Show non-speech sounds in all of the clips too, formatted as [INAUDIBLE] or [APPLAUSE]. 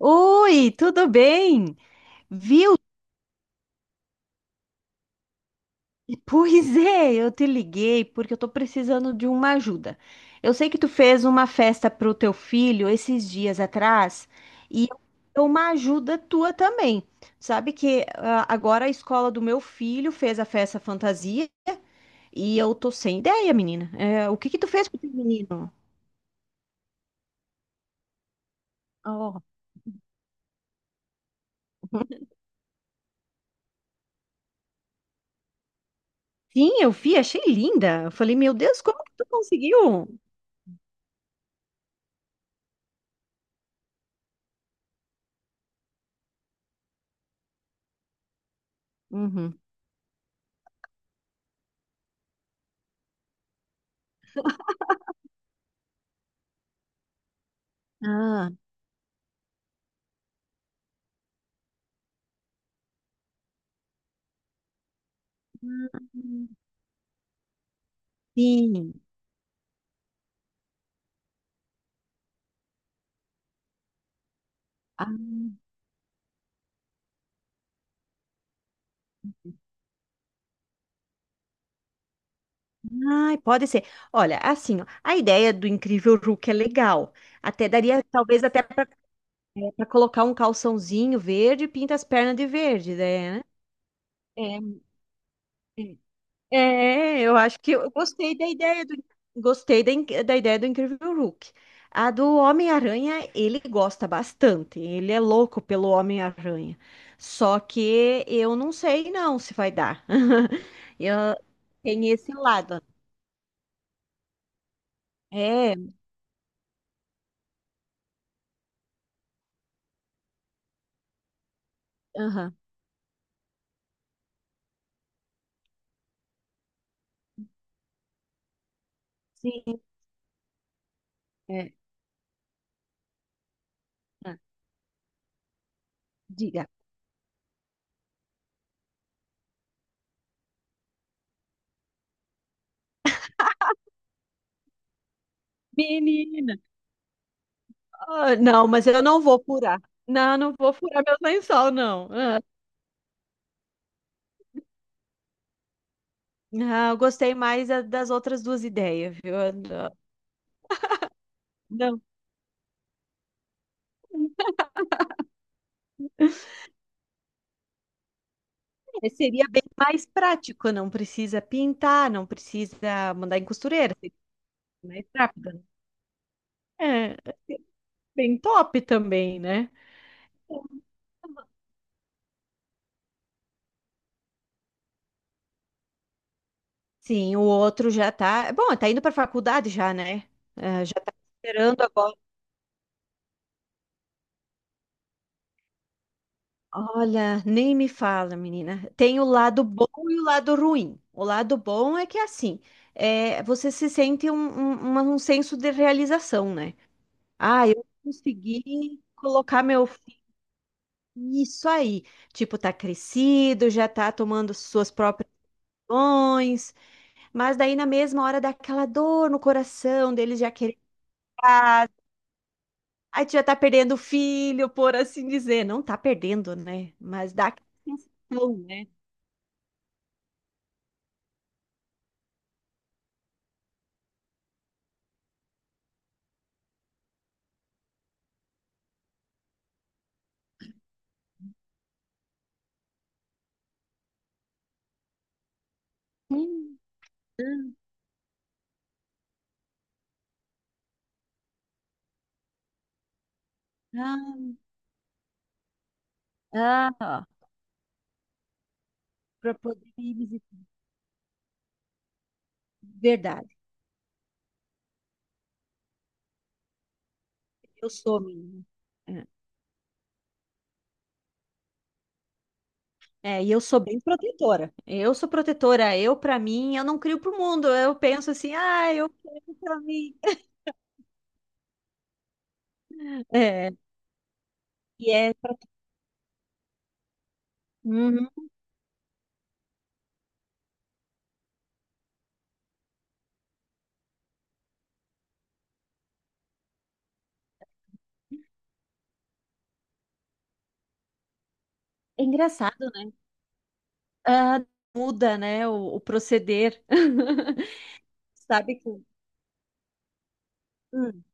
Oi, tudo bem? Viu? [LAUGHS] Pois é, eu te liguei porque eu tô precisando de uma ajuda. Eu sei que tu fez uma festa pro teu filho esses dias atrás e eu quero uma ajuda tua também. Sabe que agora a escola do meu filho fez a festa fantasia e eu tô sem ideia, menina. É, o que que tu fez com o teu menino? Oh. [LAUGHS] Sim, eu vi, achei linda. Eu falei, meu Deus, como que tu conseguiu? Uhum. Ah. Sim. Ah, ai, pode ser. Olha, assim, ó, a ideia do Incrível Hulk é legal. Até daria, talvez, até para colocar um calçãozinho verde e pinta as pernas de verde, né? É, é, eu acho que eu gostei da ideia do da ideia do Incrível Hulk. A do Homem-Aranha, ele gosta bastante. Ele é louco pelo Homem-Aranha. Só que eu não sei não se vai dar. [LAUGHS] Eu, tem esse lado. É, Aham. Sim, é. Tá, diga. Menina, ah, não, mas eu não vou furar. Não, não vou furar meu lençol, não. Ah, ah, eu gostei mais das outras duas ideias, viu? Eu não. Não. É, seria bem mais prático, não precisa pintar, não precisa mandar em costureira, seria mais rápido. Né? É, bem top também, né? Sim, o outro já tá. Bom, tá indo pra faculdade já, né? É, já tá esperando agora. Olha, nem me fala, menina. Tem o lado bom e o lado ruim. O lado bom é que é assim, é, você se sente um senso de realização, né? Ah, eu consegui colocar meu filho. Isso aí. Tipo, tá crescido, já tá tomando suas próprias decisões, mas daí na mesma hora dá aquela dor no coração dele já querer casa. Aí tu já tá perdendo o filho, por assim dizer. Não tá perdendo, né? Mas dá aquela sensação, né? Hum. Ah, ah, ó, para poder ir visitar. Verdade, eu sou, menina. É, é, e eu sou bem protetora. Eu sou protetora. Eu, pra mim, eu não crio pro mundo. Eu penso assim, ah, eu quero pra mim. [LAUGHS] É, e é, uhum. É engraçado, né? Ah, muda, né, o proceder. [LAUGHS] Sabe que. Hum.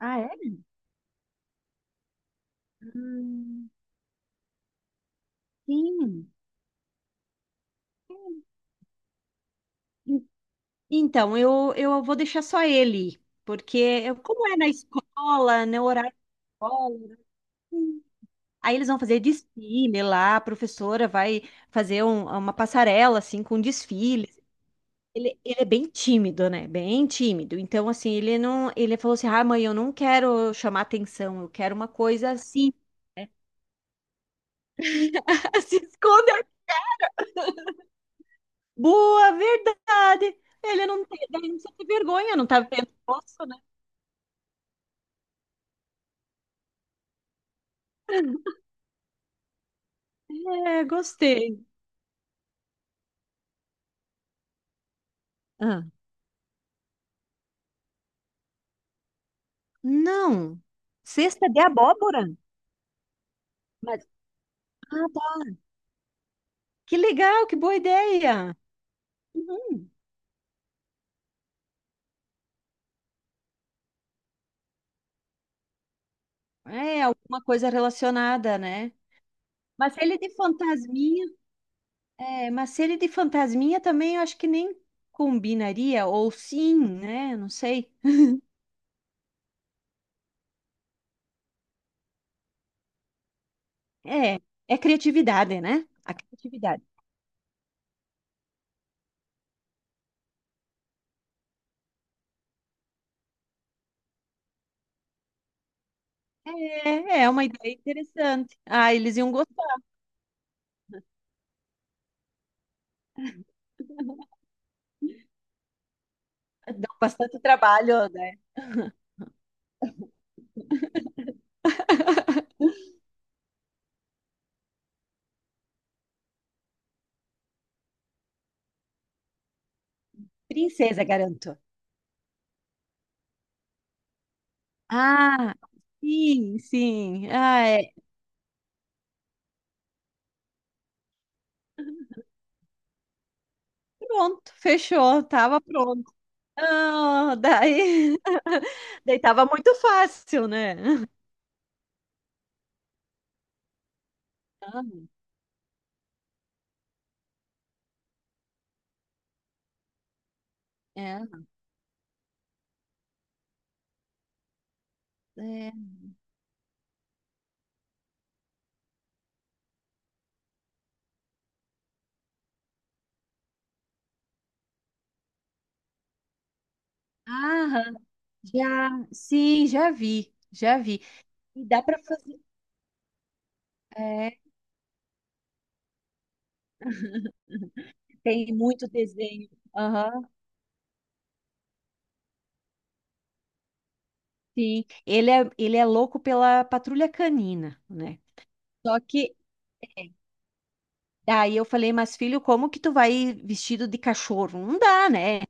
Ah, é? Hum, sim. En- Então, eu vou deixar só ele, porque eu- como é na escola, no horário de escola. Aí eles vão fazer desfile lá, a professora vai fazer uma passarela assim com desfiles. Ele é bem tímido, né? Bem tímido. Então assim, ele não, ele falou assim: "Ah, mãe, eu não quero chamar atenção, eu quero uma coisa assim, [LAUGHS] se esconder". Boa, verdade. Ele não tem, daí não precisa ter vergonha, não tá vendo o rosto, né? É, gostei. Ah, não. Cesta de abóbora? Mas, ah, tá. Que legal, que boa ideia. Uhum. É, alguma coisa relacionada, né? Mas ele de fantasminha, é, mas se ele de fantasminha também eu acho que nem combinaria, ou sim, né? Não sei. É, é criatividade, né? A criatividade. É, é uma ideia interessante. Ah, eles iam gostar, dão bastante trabalho, né? Princesa, garanto. Ah, sim. Ah, é. Pronto, fechou, tava pronto. Ah, daí, [LAUGHS] daí tava muito fácil, né? É, é. Ah, já vi. E dá para fazer. É, [LAUGHS] tem muito desenho. Aham, sim. Ele é louco pela patrulha canina, né? Só que é, daí eu falei, mas filho, como que tu vai vestido de cachorro? Não dá, né?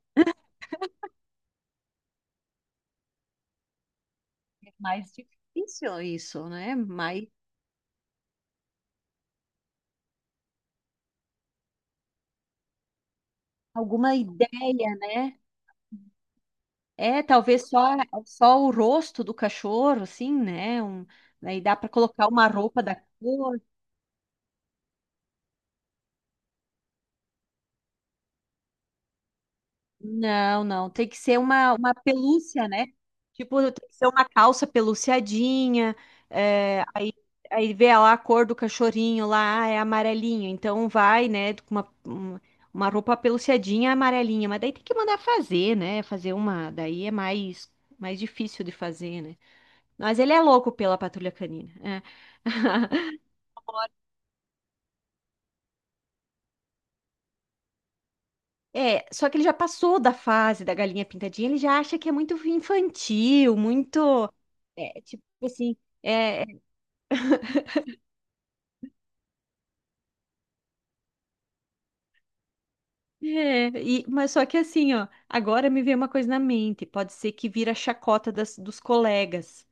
É mais difícil isso, né? Mais alguma ideia, né? É, só o rosto do cachorro, assim, né? Um, aí dá para colocar uma roupa da cor. Não, tem que ser uma pelúcia, né? Tipo, tem que ser uma calça peluciadinha. É, aí vê lá a cor do cachorrinho lá, ah, é amarelinho. Então vai, né, com uma roupa peluciadinha amarelinha. Mas daí tem que mandar fazer, né? Fazer uma. Daí é mais difícil de fazer, né? Mas ele é louco pela patrulha canina. É. É, só que ele já passou da fase da galinha pintadinha, ele já acha que é muito infantil, muito. É, tipo assim. É, é, mas só que assim, ó, agora me veio uma coisa na mente, pode ser que vira a chacota dos colegas.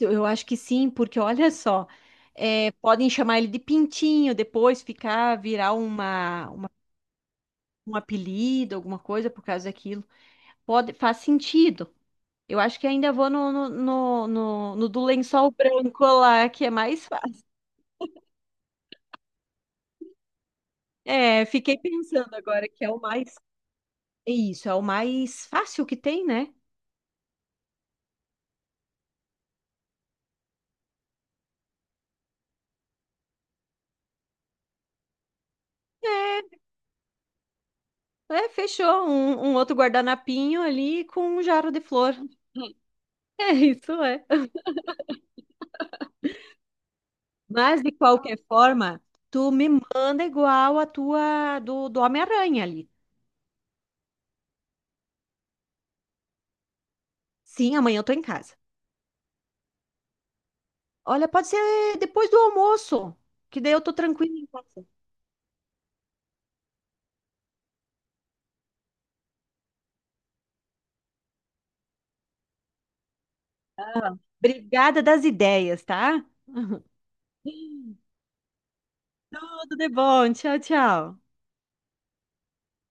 Eu acho que sim, porque olha só, é, podem chamar ele de pintinho, depois ficar, virar um apelido, alguma coisa por causa daquilo. Pode, faz sentido. Eu acho que ainda vou no do lençol branco lá, que é mais fácil. É, fiquei pensando agora que é o mais. É isso, é o mais fácil que tem, né? É, é, fechou. Um outro guardanapinho ali com um jarro de flor. [LAUGHS] É, isso é. Mas, de qualquer forma, tu me manda igual a tua do, do Homem-Aranha ali. Sim, amanhã eu tô em casa. Olha, pode ser depois do almoço, que daí eu tô tranquila em casa. Obrigada das ideias, tá? Tudo de bom. Tchau, tchau.